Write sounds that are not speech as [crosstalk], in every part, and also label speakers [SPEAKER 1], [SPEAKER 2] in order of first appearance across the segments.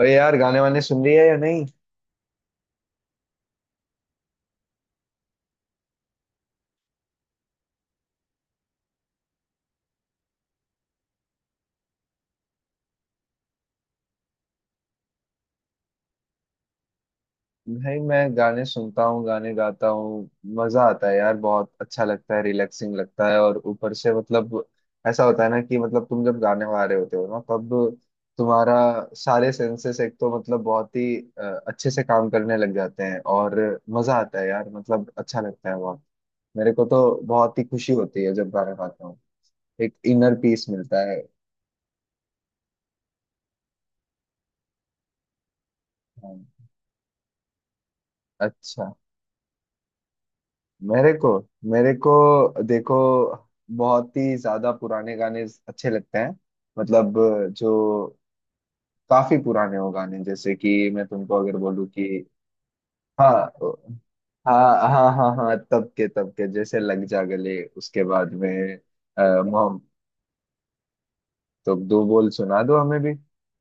[SPEAKER 1] और यार गाने वाने सुन रही है या नहीं? भाई मैं गाने सुनता हूँ, गाने गाता हूँ। मजा आता है यार, बहुत अच्छा लगता है, रिलैक्सिंग लगता है। और ऊपर से मतलब ऐसा होता है ना कि मतलब तुम जब गाने गा रहे होते हो ना, तब तुम्हारा सारे सेंसेस एक तो मतलब बहुत ही अच्छे से काम करने लग जाते हैं। और मजा आता है यार, मतलब अच्छा लगता है बहुत। मेरे को तो बहुत ही खुशी होती है जब गाने गाता हूँ। एक इनर पीस मिलता है। हाँ। अच्छा, मेरे को मेरे को देखो, बहुत ही ज्यादा पुराने गाने अच्छे लगते हैं। मतलब जो काफी पुराने हो गाने, जैसे कि मैं तुमको अगर बोलूँ कि हाँ हाँ हाँ हाँ, हाँ तब के, तब के जैसे लग जा गले। उसके बाद में मोहम, तो दो बोल सुना दो हमें भी। [laughs]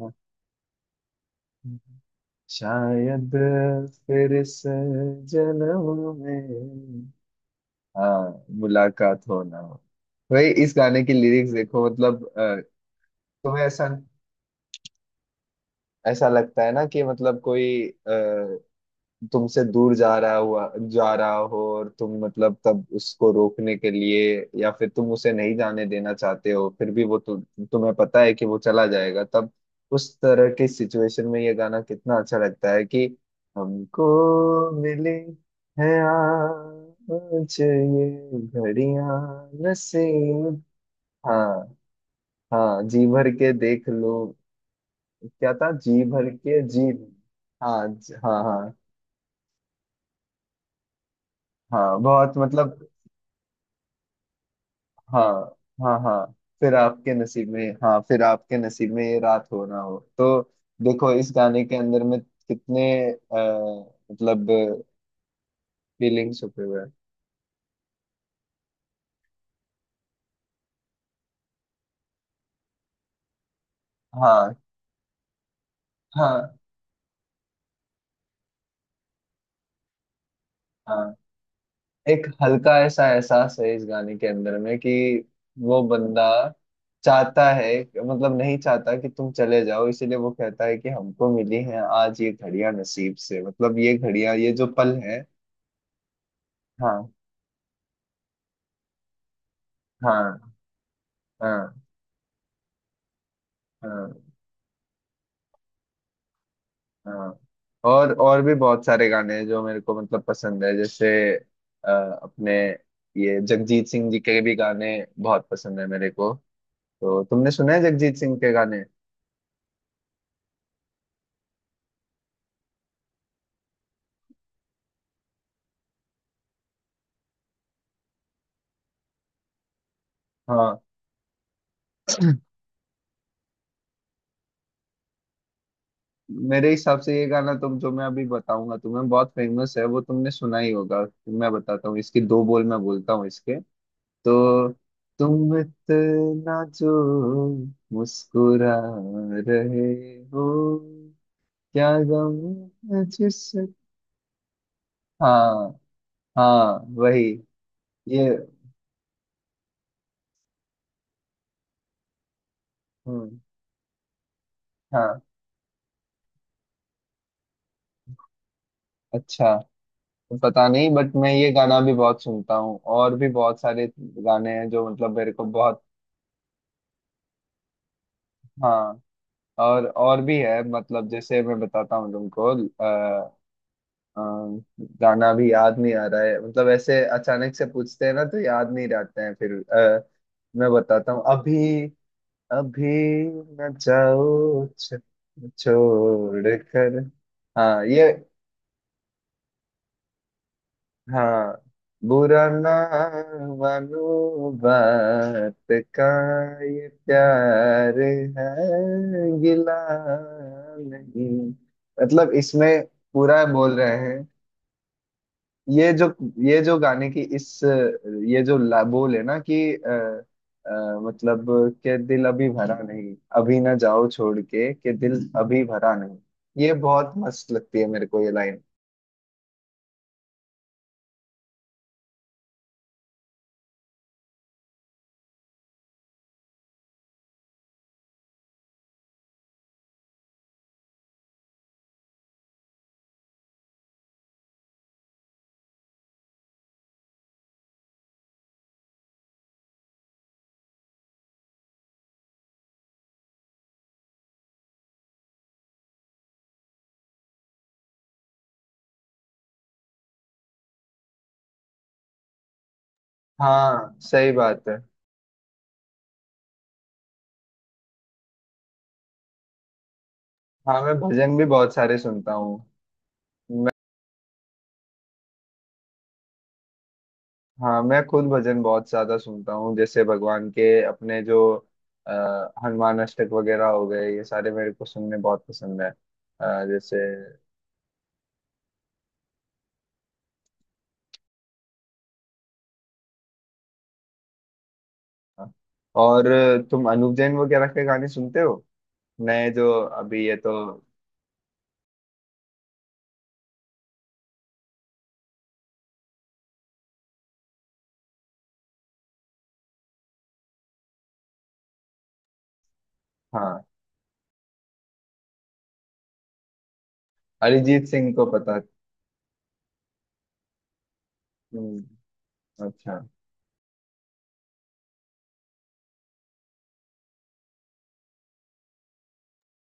[SPEAKER 1] हाँ। शायद फिर से जन्म में। हाँ, मुलाकात हो ना हो। भाई, इस गाने की लिरिक्स देखो मतलब तुम्हें ऐसा ऐसा लगता है ना कि मतलब कोई तुमसे दूर जा रहा हो, और तुम मतलब तब उसको रोकने के लिए, या फिर तुम उसे नहीं जाने देना चाहते हो, फिर भी तुम्हें पता है कि वो चला जाएगा। तब उस तरह की सिचुएशन में ये गाना कितना अच्छा लगता है कि हमको मिले है आज ये घड़ियां नसीब। हाँ, हाँ जी भर के देख लो। क्या था जी भर के जी। हाँ ज- हाँ हाँ। हाँ बहुत मतलब। हाँ हाँ हाँ, फिर आपके नसीब में, हाँ फिर आपके नसीब में ये रात हो ना हो तो। देखो, इस गाने के अंदर में कितने मतलब फीलिंग्स छुपे हुए हैं। हाँ हाँ हाँ। एक हल्का ऐसा एहसास है इस गाने के अंदर में कि वो बंदा चाहता है, मतलब नहीं चाहता कि तुम चले जाओ। इसीलिए वो कहता है कि हमको मिली है आज ये घड़ियां नसीब से। मतलब ये घड़ियां, ये जो पल है। हाँ हाँ हाँ हाँ हाँ। और भी बहुत सारे गाने हैं जो मेरे को मतलब पसंद है। जैसे अ, अपने ये जगजीत सिंह जी के भी गाने बहुत पसंद है मेरे को। तो तुमने सुना है जगजीत सिंह के गाने? हाँ, मेरे हिसाब से ये गाना, तुम जो मैं अभी बताऊंगा तुम्हें, बहुत फेमस है, वो तुमने सुना ही होगा। मैं बताता हूँ, इसकी दो बोल मैं बोलता हूँ इसके। तो तुम इतना जो मुस्कुरा रहे हो, क्या गम है जिस। हाँ, हाँ वही ये। हम्म। हाँ। अच्छा, पता नहीं बट मैं ये गाना भी बहुत सुनता हूँ। और भी बहुत सारे गाने हैं जो मतलब मेरे को बहुत। हाँ, और भी है मतलब, जैसे मैं बताता हूँ तुमको। अ, गाना भी याद नहीं आ रहा है। मतलब ऐसे अचानक से पूछते हैं ना तो याद नहीं रहते हैं। फिर मैं बताता हूँ अभी। अभी न जाओ छोड़ कर। हाँ ये। हाँ, बुरा ना मानो बात का, ये प्यार है, गिला नहीं। मतलब इसमें पूरा बोल रहे हैं। ये जो ये जो गाने की इस, बोल है ना कि मतलब, के दिल अभी भरा नहीं, अभी ना जाओ छोड़ के दिल अभी भरा नहीं। ये बहुत मस्त लगती है मेरे को ये लाइन। हाँ, सही बात है। हाँ मैं भजन भी बहुत सारे सुनता हूँ। मैं, हाँ, मैं खुद भजन बहुत ज्यादा सुनता हूँ। जैसे भगवान के अपने जो आ, हनुमान अष्टक वगैरह हो गए, ये सारे मेरे को सुनने बहुत पसंद है। जैसे अ, और तुम अनूप जैन वगैरह के गाने सुनते हो, नए जो अभी ये तो? हाँ, अरिजीत सिंह को पता। हम्म। अच्छा,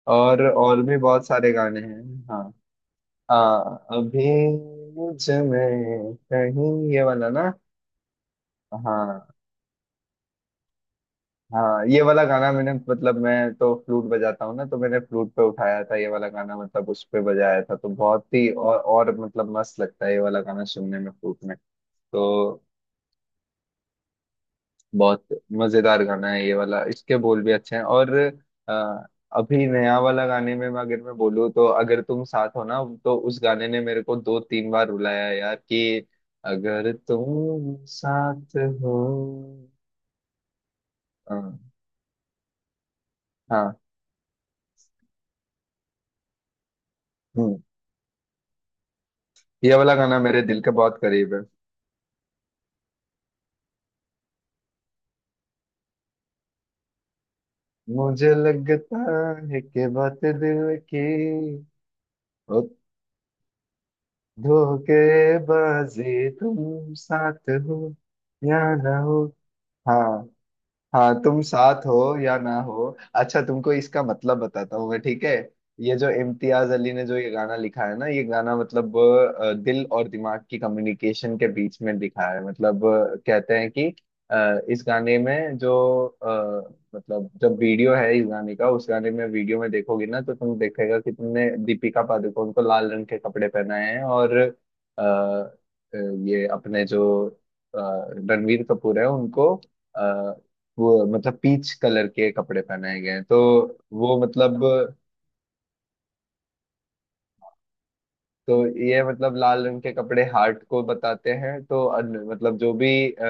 [SPEAKER 1] और भी बहुत सारे गाने हैं। हाँ। आ, अभी मुझ में कहीं ये वाला ना। हाँ हाँ, ये वाला गाना मैंने मतलब, मैं तो फ्लूट बजाता हूँ ना तो मैंने फ्लूट पे उठाया था ये वाला गाना, मतलब उस पे बजाया था। तो बहुत ही और मतलब मस्त लगता है ये वाला गाना सुनने में फ्लूट में तो। बहुत मजेदार गाना है ये वाला, इसके बोल भी अच्छे हैं। और अ, अभी नया वाला गाने में, मैं अगर मैं बोलूँ तो, अगर तुम साथ हो ना, तो उस गाने ने मेरे को दो तीन बार रुलाया है यार कि अगर तुम साथ हो। हाँ हाँ। हम्म। ये वाला गाना मेरे दिल के बहुत करीब है। मुझे लगता है कि बात दिल की। ओ, धोखेबाजी, तुम साथ हो या ना हो। हाँ, हाँ तुम साथ हो या ना हो। अच्छा, तुमको इसका मतलब बताता हूँ मैं, ठीक है? ये जो इम्तियाज अली ने जो ये गाना लिखा है ना, ये गाना मतलब दिल और दिमाग की कम्युनिकेशन के बीच में लिखा है। मतलब कहते हैं कि इस गाने में जो मतलब जब वीडियो है इस गाने का, उस गाने में वीडियो में देखोगी ना तो तुम देखेगा कि तुमने दीपिका पादुकोण को लाल रंग के कपड़े पहनाए हैं, और ये अपने जो अ, रणवीर कपूर है उनको वो मतलब पीच कलर के कपड़े पहनाए गए हैं। तो वो मतलब, तो ये मतलब लाल रंग के कपड़े हार्ट को बताते हैं। तो मतलब जो भी अ,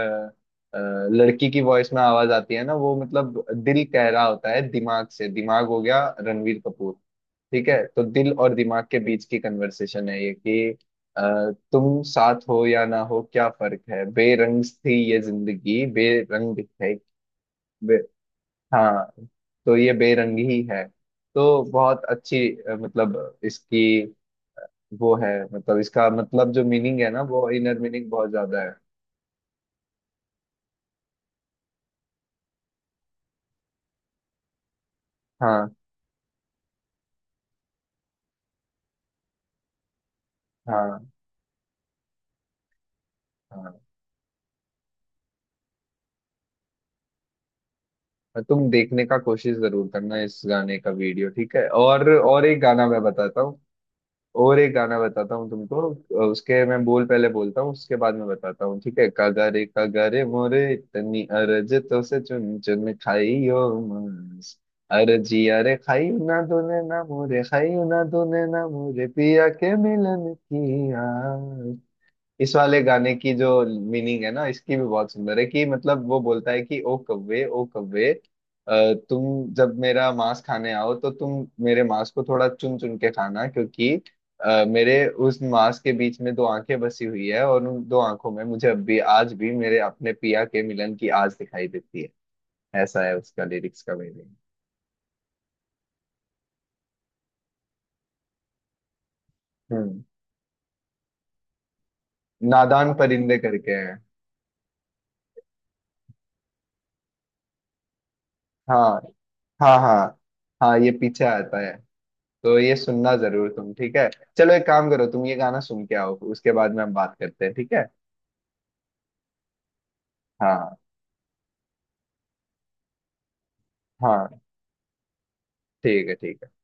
[SPEAKER 1] अ, लड़की की वॉइस में आवाज आती है ना, वो मतलब दिल कह रहा होता है दिमाग से, दिमाग हो गया रणवीर कपूर, ठीक है? तो दिल और दिमाग के बीच की कन्वर्सेशन है ये कि तुम साथ हो या ना हो, क्या फर्क है, बेरंग थी ये जिंदगी, बेरंग है। हाँ, तो ये बेरंगी ही है। तो बहुत अच्छी मतलब इसकी वो है, मतलब इसका मतलब जो मीनिंग है ना, वो इनर मीनिंग बहुत ज्यादा है। हाँ हाँ हाँ। और तुम देखने का कोशिश जरूर करना इस गाने का वीडियो, ठीक है? और एक गाना मैं बताता हूँ, और एक गाना बताता हूँ तुमको। उसके मैं बोल पहले बोलता हूँ, उसके बाद में बताता हूँ, ठीक है? कगरे कगरे मोरे इतनी अरज तो से, चुन चुन खाइयो मांस, अरजिया रे, खाइयो ना दोने ना मोरे, खाइयो ना दोने ना मोरे पिया के मिलन की आस। इस वाले गाने की जो मीनिंग है ना, इसकी भी बहुत सुंदर है कि मतलब वो बोलता है कि ओ कव्वे, ओ कव्वे, तुम जब मेरा मांस खाने आओ तो तुम मेरे मांस को थोड़ा चुन चुन के खाना, क्योंकि मेरे उस मांस के बीच में दो आंखें बसी हुई है, और उन दो आंखों में मुझे अब भी, आज भी मेरे अपने पिया के मिलन की आज दिखाई देती है। ऐसा है उसका लिरिक्स का मीनिंग। हम्म, नादान परिंदे करके है। हाँ हाँ हाँ, हाँ ये पीछे आता है। तो ये सुनना जरूर तुम, ठीक है? चलो, एक काम करो, तुम ये गाना सुन के आओ, उसके बाद में हम बात करते हैं, ठीक है? हाँ, हाँ ठीक है, ठीक है।